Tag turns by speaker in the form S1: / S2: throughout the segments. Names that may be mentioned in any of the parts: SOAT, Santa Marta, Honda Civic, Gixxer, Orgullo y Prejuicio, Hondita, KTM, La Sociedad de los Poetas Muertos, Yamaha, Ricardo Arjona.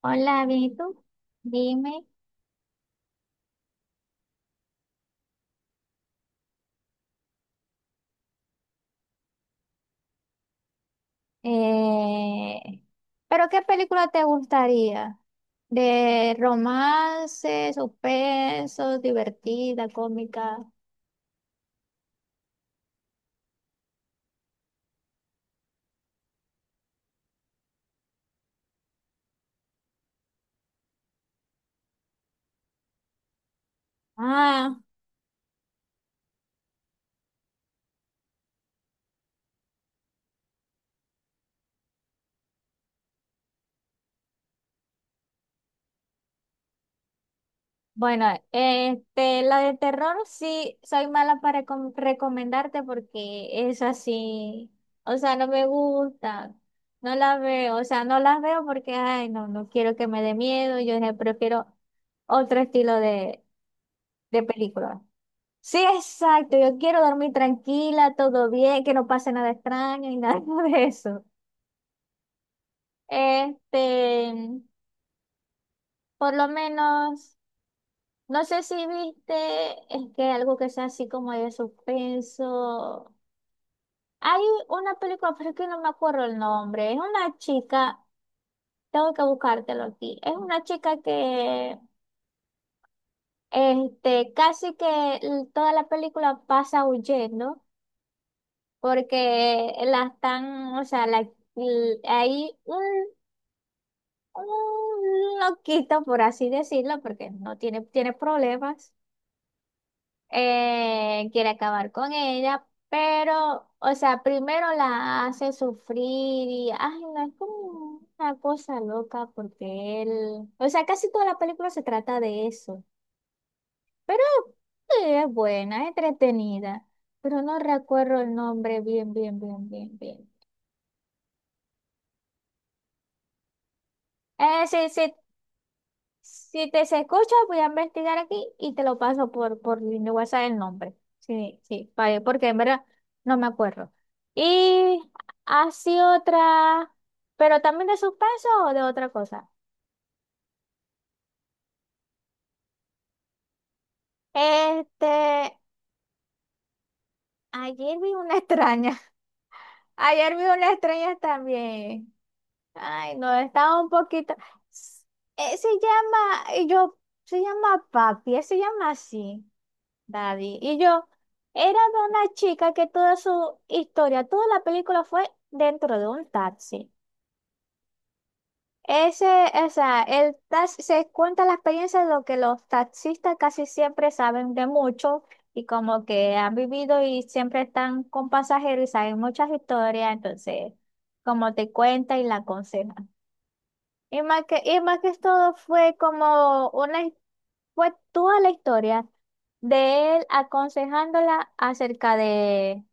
S1: Hola, bien, ¿y tú? Dime, eh, ¿pero qué película te gustaría? ¿De romance, suspenso, divertida, cómica? Ah, bueno, este, la de terror sí soy mala para recomendarte porque es así, o sea, no me gusta, no la veo, o sea, no las veo porque, ay, no, no quiero que me dé miedo, yo prefiero otro estilo de película. Sí, exacto, yo quiero dormir tranquila, todo bien, que no pase nada extraño y nada de eso. Este, por lo menos, no sé si viste, es que algo que sea así como de suspenso. Hay una película, pero es que no me acuerdo el nombre, es una chica, tengo que buscártelo aquí, es una chica que, este, casi que toda la película pasa huyendo porque la están, o sea, la, hay un loquito, por así decirlo, porque no tiene, tiene problemas, quiere acabar con ella, pero, o sea, primero la hace sufrir y, ay, no, es como una cosa loca porque él, o sea, casi toda la película se trata de eso, pero sí, es buena, es entretenida, pero no recuerdo el nombre bien, bien, bien, bien, bien. Sí, sí, si te se escucha, voy a investigar aquí y te lo paso por mi WhatsApp el nombre. Sí, sí, porque en verdad no me acuerdo. Y así otra, pero también de suspenso o de otra cosa. Este, ayer vi una extraña. Ayer vi una extraña también. Ay, no, estaba un poquito. S- se llama, y yo, se llama Papi, se llama así. Daddy. Y yo era de una chica que toda su historia, toda la película fue dentro de un taxi. Ese, o sea, el taxi se cuenta la experiencia de lo que los taxistas casi siempre saben de mucho y como que han vivido y siempre están con pasajeros y saben muchas historias, entonces como te cuenta y la aconseja. Y más que todo fue como fue toda la historia de él aconsejándola acerca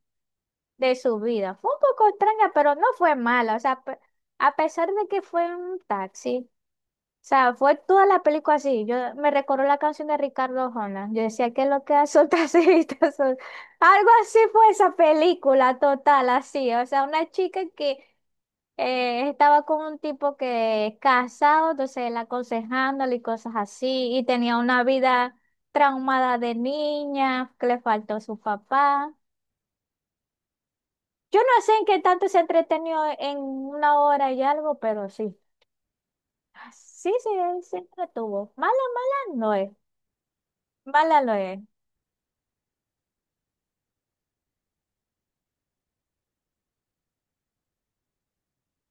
S1: de su vida. Fue un poco extraña, pero no fue mala. O sea, a pesar de que fue un taxi, o sea, fue toda la película así. Yo me recordó la canción de Ricardo Arjona. Yo decía que lo que hace un taxista son-". Algo así fue esa película total, así. O sea, una chica que estaba con un tipo que es casado, entonces él aconsejándole y cosas así, y tenía una vida traumada de niña, que le faltó su papá. Yo no sé en qué tanto se entretenió en 1 hora y algo, pero sí. Sí, sí, él se entretuvo. Mala, mala no es. Mala no es.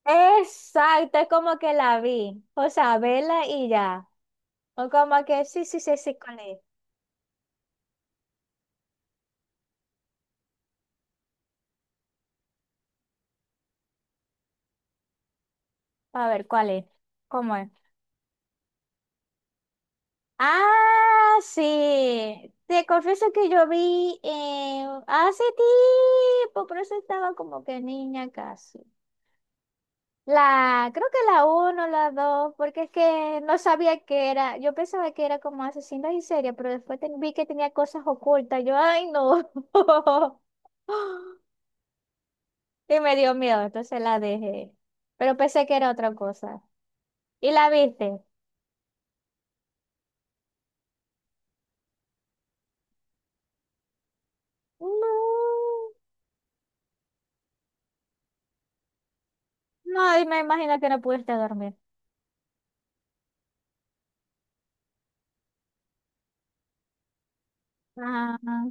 S1: Exacto, es como que la vi. O sea, vela y ya. O como que sí, sí, sí, sí, cuál es. A ver, cuál es. ¿Cómo es? Ah, sí. Te confieso que yo vi hace tiempo, pero eso estaba como que niña casi. La, creo que la uno, la dos, porque es que no sabía que era. Yo pensaba que era como asesinos en serie, pero después vi que tenía cosas ocultas. Yo, ay, no. Y me dio miedo, entonces la dejé. Pero pensé que era otra cosa. ¿Y la viste? No. No, y me imagino que no pudiste dormir. Ah.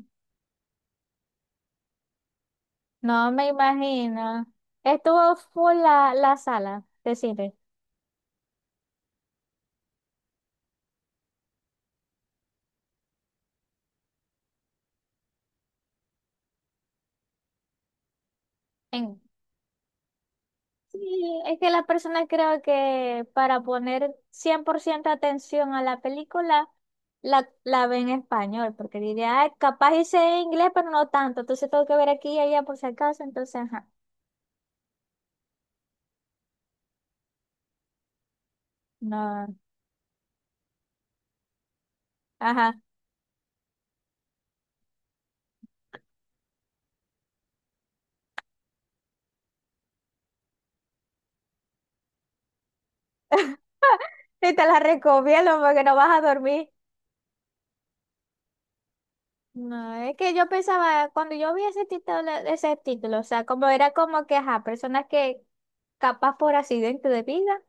S1: No me imagino. Estuvo full la sala de cine. En- Sí, es que las personas creo que para poner 100% atención a la película, la ven en español, porque diría, "Ay, capaz hice inglés, pero no tanto, entonces tengo que ver aquí y allá por si acaso, entonces, ajá, no, ajá. Y te la recomiendo porque no vas a dormir. No, es que yo pensaba, cuando yo vi ese título, o sea, como era como que, ajá, personas que capaz por accidente de vida,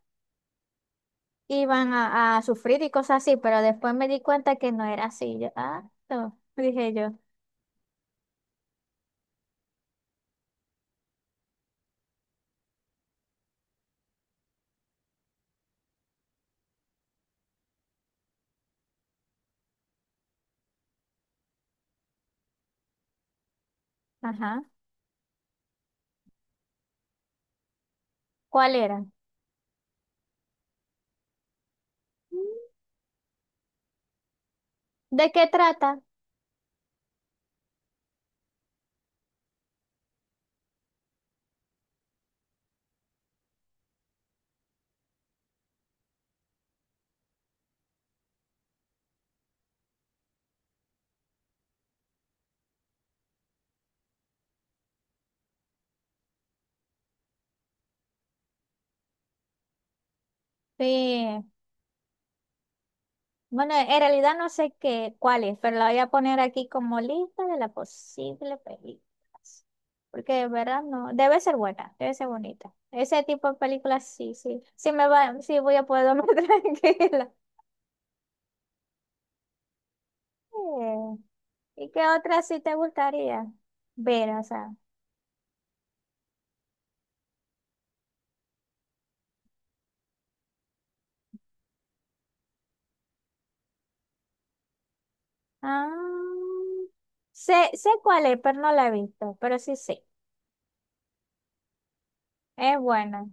S1: iban a sufrir y cosas así, pero después me di cuenta que no era así. Yo, ah, no, dije yo, ajá, ¿cuál era? Mm, ¿de qué trata? Sí. Bueno, en realidad no sé qué, cuál es, pero la voy a poner aquí como lista de las posibles películas. Porque de verdad no, debe ser buena, debe ser bonita. Ese tipo de películas sí, sí. Sí me va, sí voy a poder dormir tranquila. Eh, ¿Y qué otra sí te gustaría ver? O sea, ah, sé, sé cuál es, pero no la he visto, pero sí sé. Es buena.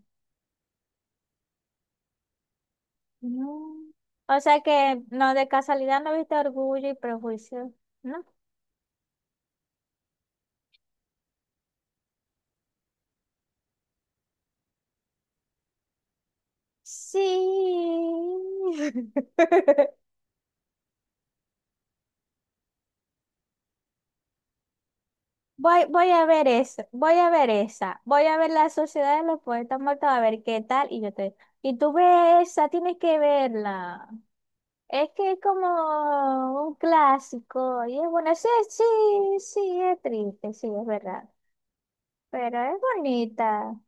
S1: Mm. O sea que no, de casualidad no viste Orgullo y Prejuicio, ¿no? Sí. Voy, voy a ver eso, voy a ver esa, voy a ver La Sociedad de los Poetas Muertos, a ver qué tal, y yo te... Y tú ves esa, tienes que verla. Es que es como un clásico, y es bueno, sí, sí, sí, es triste, sí, es verdad. Pero es bonita.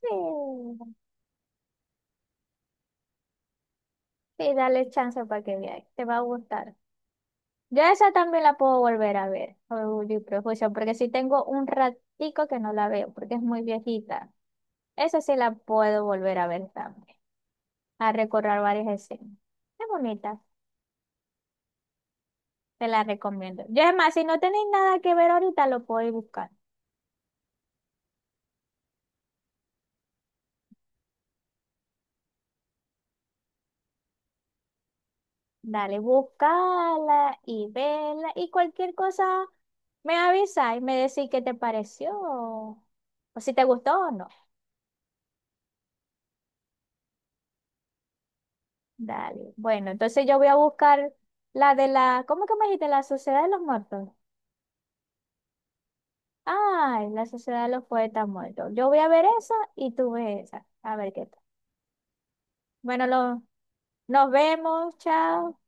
S1: Sí. Sí, dale chance para que veas. Te va a gustar. Yo esa también la puedo volver a ver, Orgullo y Prejuicio, porque si tengo un ratico que no la veo, porque es muy viejita. Esa sí la puedo volver a ver también, a recorrer varias escenas. Es bonita, te la recomiendo. Yo es más, si no tenéis nada que ver ahorita, lo podéis buscar. Dale, buscala y vela y cualquier cosa me avisa y me decís qué te pareció o si te gustó o no. Dale. Bueno, entonces yo voy a buscar la de la, ¿cómo que me dijiste? La Sociedad de los Muertos. Ay, la Sociedad de los Poetas Muertos. Yo voy a ver esa y tú ves esa. A ver qué tal. Bueno, nos vemos. Chao.